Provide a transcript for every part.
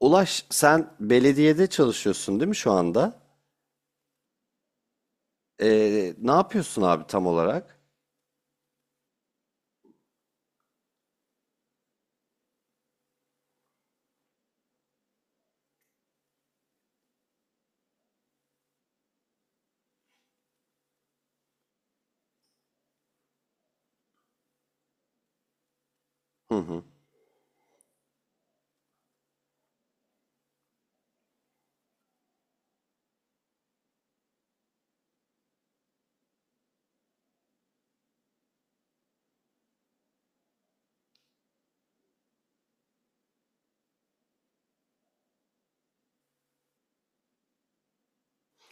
Ulaş sen belediyede çalışıyorsun değil mi şu anda? Ne yapıyorsun abi tam olarak? Hı hı.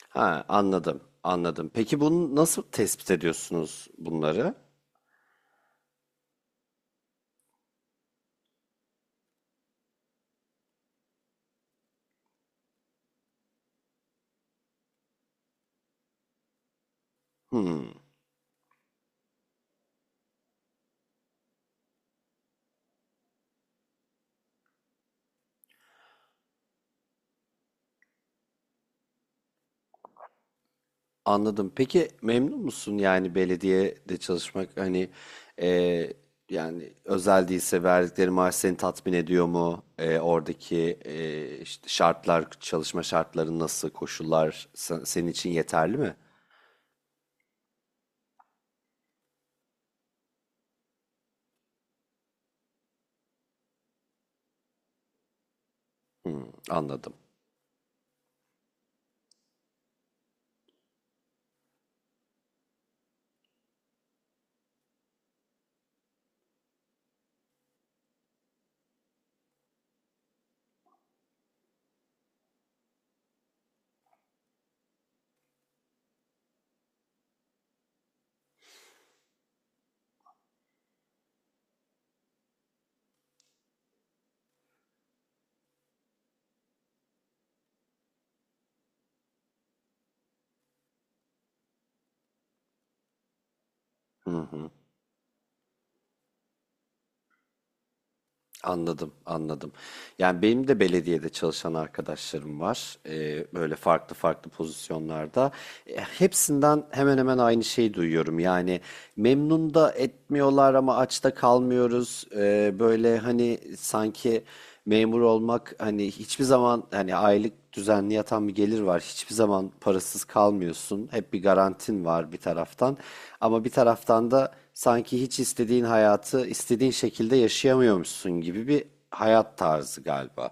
Ha anladım anladım. Peki bunu nasıl tespit ediyorsunuz bunları? Hmm, anladım. Peki memnun musun yani belediyede çalışmak hani e, yani özel değilse verdikleri maaş seni tatmin ediyor mu? Oradaki işte şartlar çalışma şartları nasıl koşullar senin için yeterli mi? Hmm, anladım. Anladım, anladım. Yani benim de belediyede çalışan arkadaşlarım var. Böyle farklı farklı pozisyonlarda. Hepsinden hemen hemen aynı şeyi duyuyorum. Yani memnun da etmiyorlar ama aç da kalmıyoruz. Böyle hani sanki memur olmak hani hiçbir zaman hani aylık düzenli yatan bir gelir var. Hiçbir zaman parasız kalmıyorsun. Hep bir garantin var bir taraftan. Ama bir taraftan da sanki hiç istediğin hayatı istediğin şekilde yaşayamıyormuşsun gibi bir hayat tarzı galiba.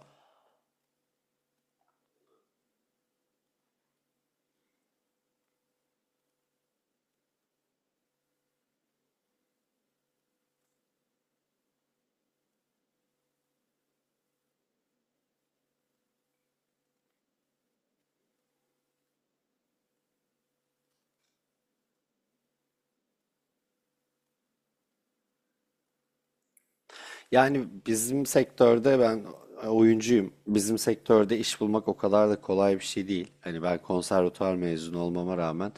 Yani bizim sektörde ben oyuncuyum. Bizim sektörde iş bulmak o kadar da kolay bir şey değil. Hani ben konservatuvar mezunu olmama rağmen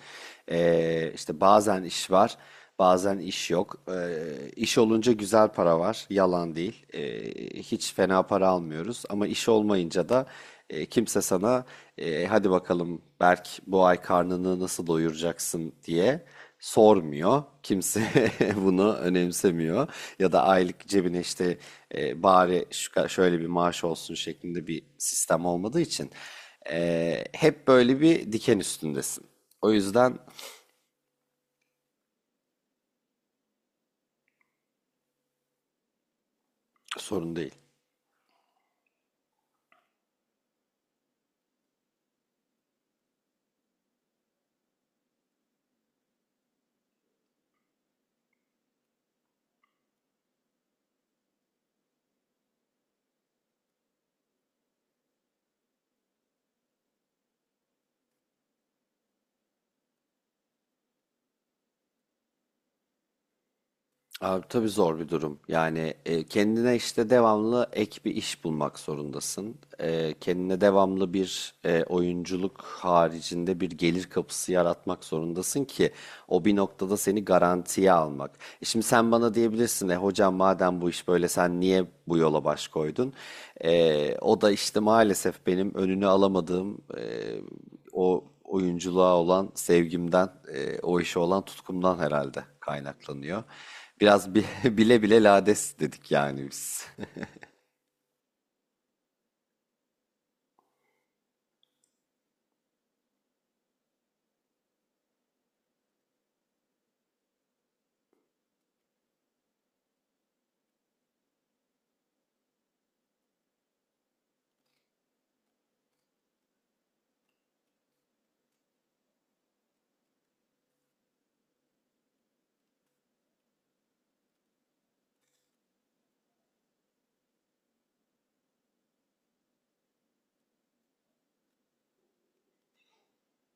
işte bazen iş var, bazen iş yok. İş olunca güzel para var, yalan değil. Hiç fena para almıyoruz ama iş olmayınca da kimse sana hadi bakalım Berk bu ay karnını nasıl doyuracaksın diye sormuyor. Kimse bunu önemsemiyor. Ya da aylık cebine işte bari şu şöyle bir maaş olsun şeklinde bir sistem olmadığı için hep böyle bir diken üstündesin. O yüzden sorun değil. Abi tabii zor bir durum. Yani kendine işte devamlı ek bir iş bulmak zorundasın. Kendine devamlı bir oyunculuk haricinde bir gelir kapısı yaratmak zorundasın ki o bir noktada seni garantiye almak. Şimdi sen bana diyebilirsin, hocam madem bu iş böyle sen niye bu yola baş koydun? O da işte maalesef benim önünü alamadığım o oyunculuğa olan sevgimden, o işe olan tutkumdan herhalde kaynaklanıyor. Biraz bile bile lades dedik yani biz.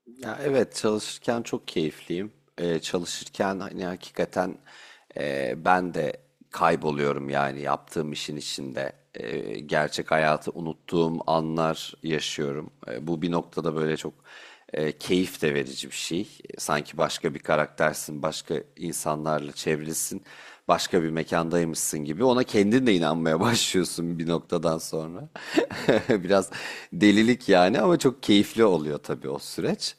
Ya evet çalışırken çok keyifliyim. Çalışırken hani hakikaten ben de kayboluyorum yani yaptığım işin içinde. Gerçek hayatı unuttuğum anlar yaşıyorum. Bu bir noktada böyle çok keyif de verici bir şey. Sanki başka bir karaktersin, başka insanlarla çevrilisin, başka bir mekandaymışsın gibi. Ona kendin de inanmaya başlıyorsun bir noktadan sonra. Biraz delilik yani ama çok keyifli oluyor tabii o süreç.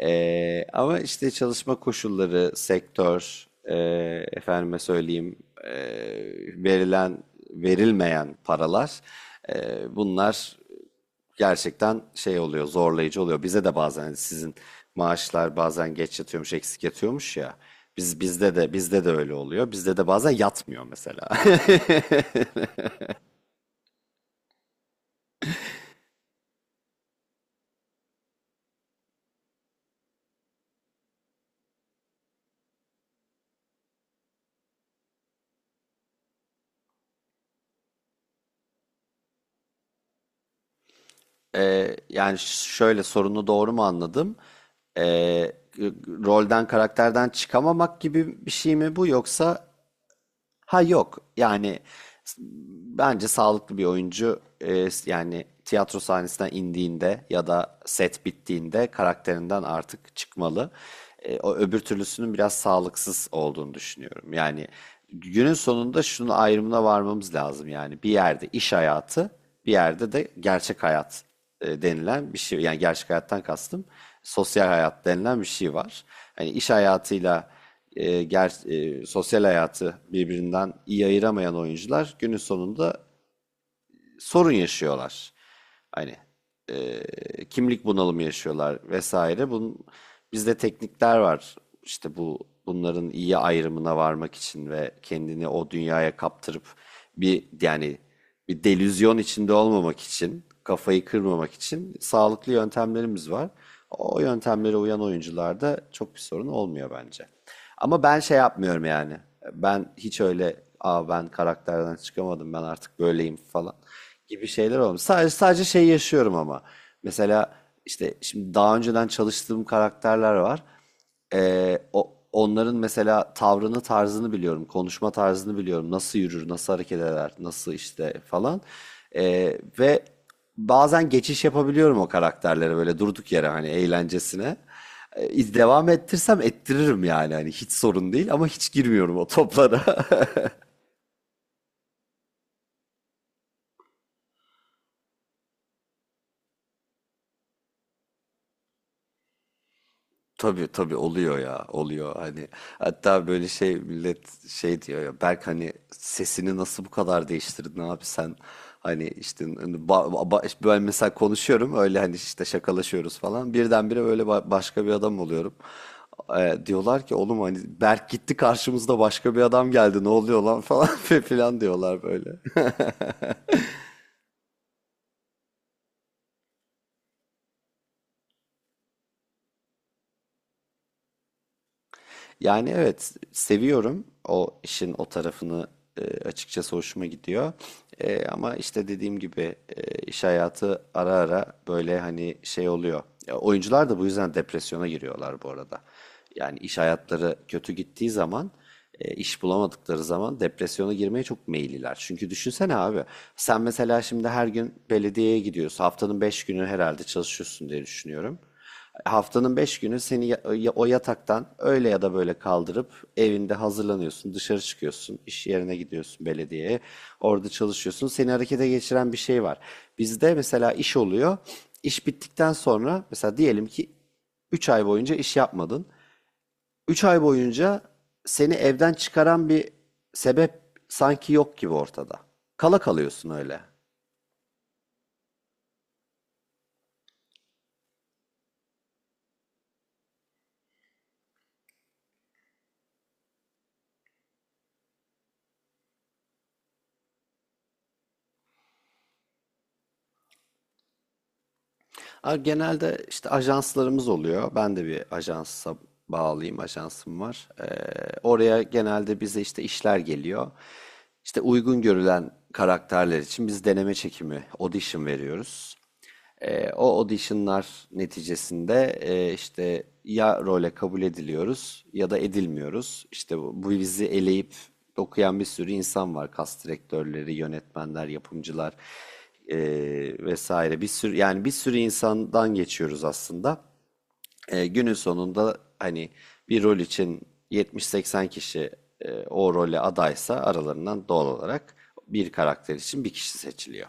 Ama işte çalışma koşulları, sektör, efendime söyleyeyim, e, verilen, verilmeyen paralar, e, bunlar gerçekten şey oluyor, zorlayıcı oluyor. Bize de bazen hani sizin maaşlar bazen geç yatıyormuş, eksik yatıyormuş ya. Bizde de öyle oluyor. Bizde de bazen yatmıyor mesela. Yani şöyle sorunu doğru mu anladım? Ee, Rolden, karakterden çıkamamak gibi bir şey mi bu yoksa? Ha yok yani bence sağlıklı bir oyuncu yani tiyatro sahnesinden indiğinde ya da set bittiğinde karakterinden artık çıkmalı. O öbür türlüsünün biraz sağlıksız olduğunu düşünüyorum. Yani günün sonunda şunun ayrımına varmamız lazım, yani bir yerde iş hayatı, bir yerde de gerçek hayat denilen bir şey, yani gerçek hayattan kastım sosyal hayat denilen bir şey var. Hani iş hayatıyla sosyal hayatı birbirinden iyi ayıramayan oyuncular günün sonunda sorun yaşıyorlar. Hani kimlik bunalımı yaşıyorlar vesaire. Bizde teknikler var. İşte bunların iyi ayrımına varmak için ve kendini o dünyaya kaptırıp bir yani bir delüzyon içinde olmamak için, kafayı kırmamak için sağlıklı yöntemlerimiz var. O yöntemlere uyan oyuncularda çok bir sorun olmuyor bence. Ama ben şey yapmıyorum yani. Ben hiç öyle ben karakterden çıkamadım ben artık böyleyim falan gibi şeyler olmuyor. Sadece şey yaşıyorum ama. Mesela işte şimdi daha önceden çalıştığım karakterler var. Onların mesela tavrını, tarzını biliyorum, konuşma tarzını biliyorum. Nasıl yürür, nasıl hareket eder, nasıl işte falan. Ve bazen geçiş yapabiliyorum o karakterlere böyle durduk yere hani eğlencesine. Devam ettirsem ettiririm yani hani hiç sorun değil ama hiç girmiyorum o toplara. Tabii tabii oluyor ya, oluyor hani, hatta böyle şey, millet şey diyor ya, Berk hani sesini nasıl bu kadar değiştirdin abi sen, hani işte hani işte ben mesela konuşuyorum öyle hani işte şakalaşıyoruz falan birdenbire böyle başka bir adam oluyorum. Diyorlar ki oğlum hani Berk gitti karşımızda başka bir adam geldi ne oluyor lan falan filan diyorlar böyle. Yani evet seviyorum o işin o tarafını, açıkçası hoşuma gidiyor. Ama işte dediğim gibi iş hayatı ara ara böyle hani şey oluyor. Ya, oyuncular da bu yüzden depresyona giriyorlar bu arada. Yani iş hayatları kötü gittiği zaman, iş bulamadıkları zaman depresyona girmeye çok meyilliler. Çünkü düşünsene abi, sen mesela şimdi her gün belediyeye gidiyorsun. Haftanın 5 günü herhalde çalışıyorsun diye düşünüyorum. Haftanın 5 günü seni o yataktan öyle ya da böyle kaldırıp evinde hazırlanıyorsun, dışarı çıkıyorsun, iş yerine gidiyorsun belediyeye, orada çalışıyorsun. Seni harekete geçiren bir şey var. Bizde mesela iş oluyor. İş bittikten sonra mesela diyelim ki 3 ay boyunca iş yapmadın. Üç ay boyunca seni evden çıkaran bir sebep sanki yok gibi ortada. Kala kalıyorsun öyle. Genelde işte ajanslarımız oluyor. Ben de bir ajansa bağlıyım, ajansım var. Oraya genelde bize işte işler geliyor. İşte uygun görülen karakterler için biz deneme çekimi, audition veriyoruz. O auditionlar neticesinde işte ya role kabul ediliyoruz ya da edilmiyoruz. İşte bu bizi eleyip okuyan bir sürü insan var. Kast direktörleri, yönetmenler, yapımcılar e, vesaire. Bir sürü, yani bir sürü insandan geçiyoruz aslında. Günün sonunda hani bir rol için 70-80 kişi o role adaysa aralarından doğal olarak bir karakter için bir kişi seçiliyor.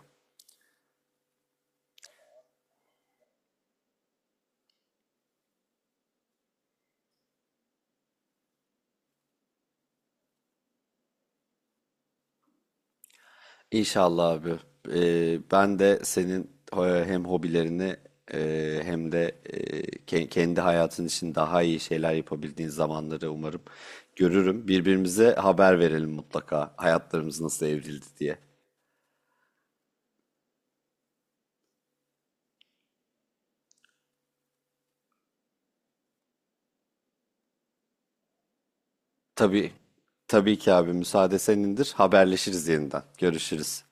İnşallah abi. Ben de senin hem hobilerini, hem de kendi hayatın için daha iyi şeyler yapabildiğin zamanları umarım görürüm. Birbirimize haber verelim mutlaka hayatlarımız nasıl evrildi diye. Tabii, tabii ki abi, müsaade senindir. Haberleşiriz yeniden. Görüşürüz.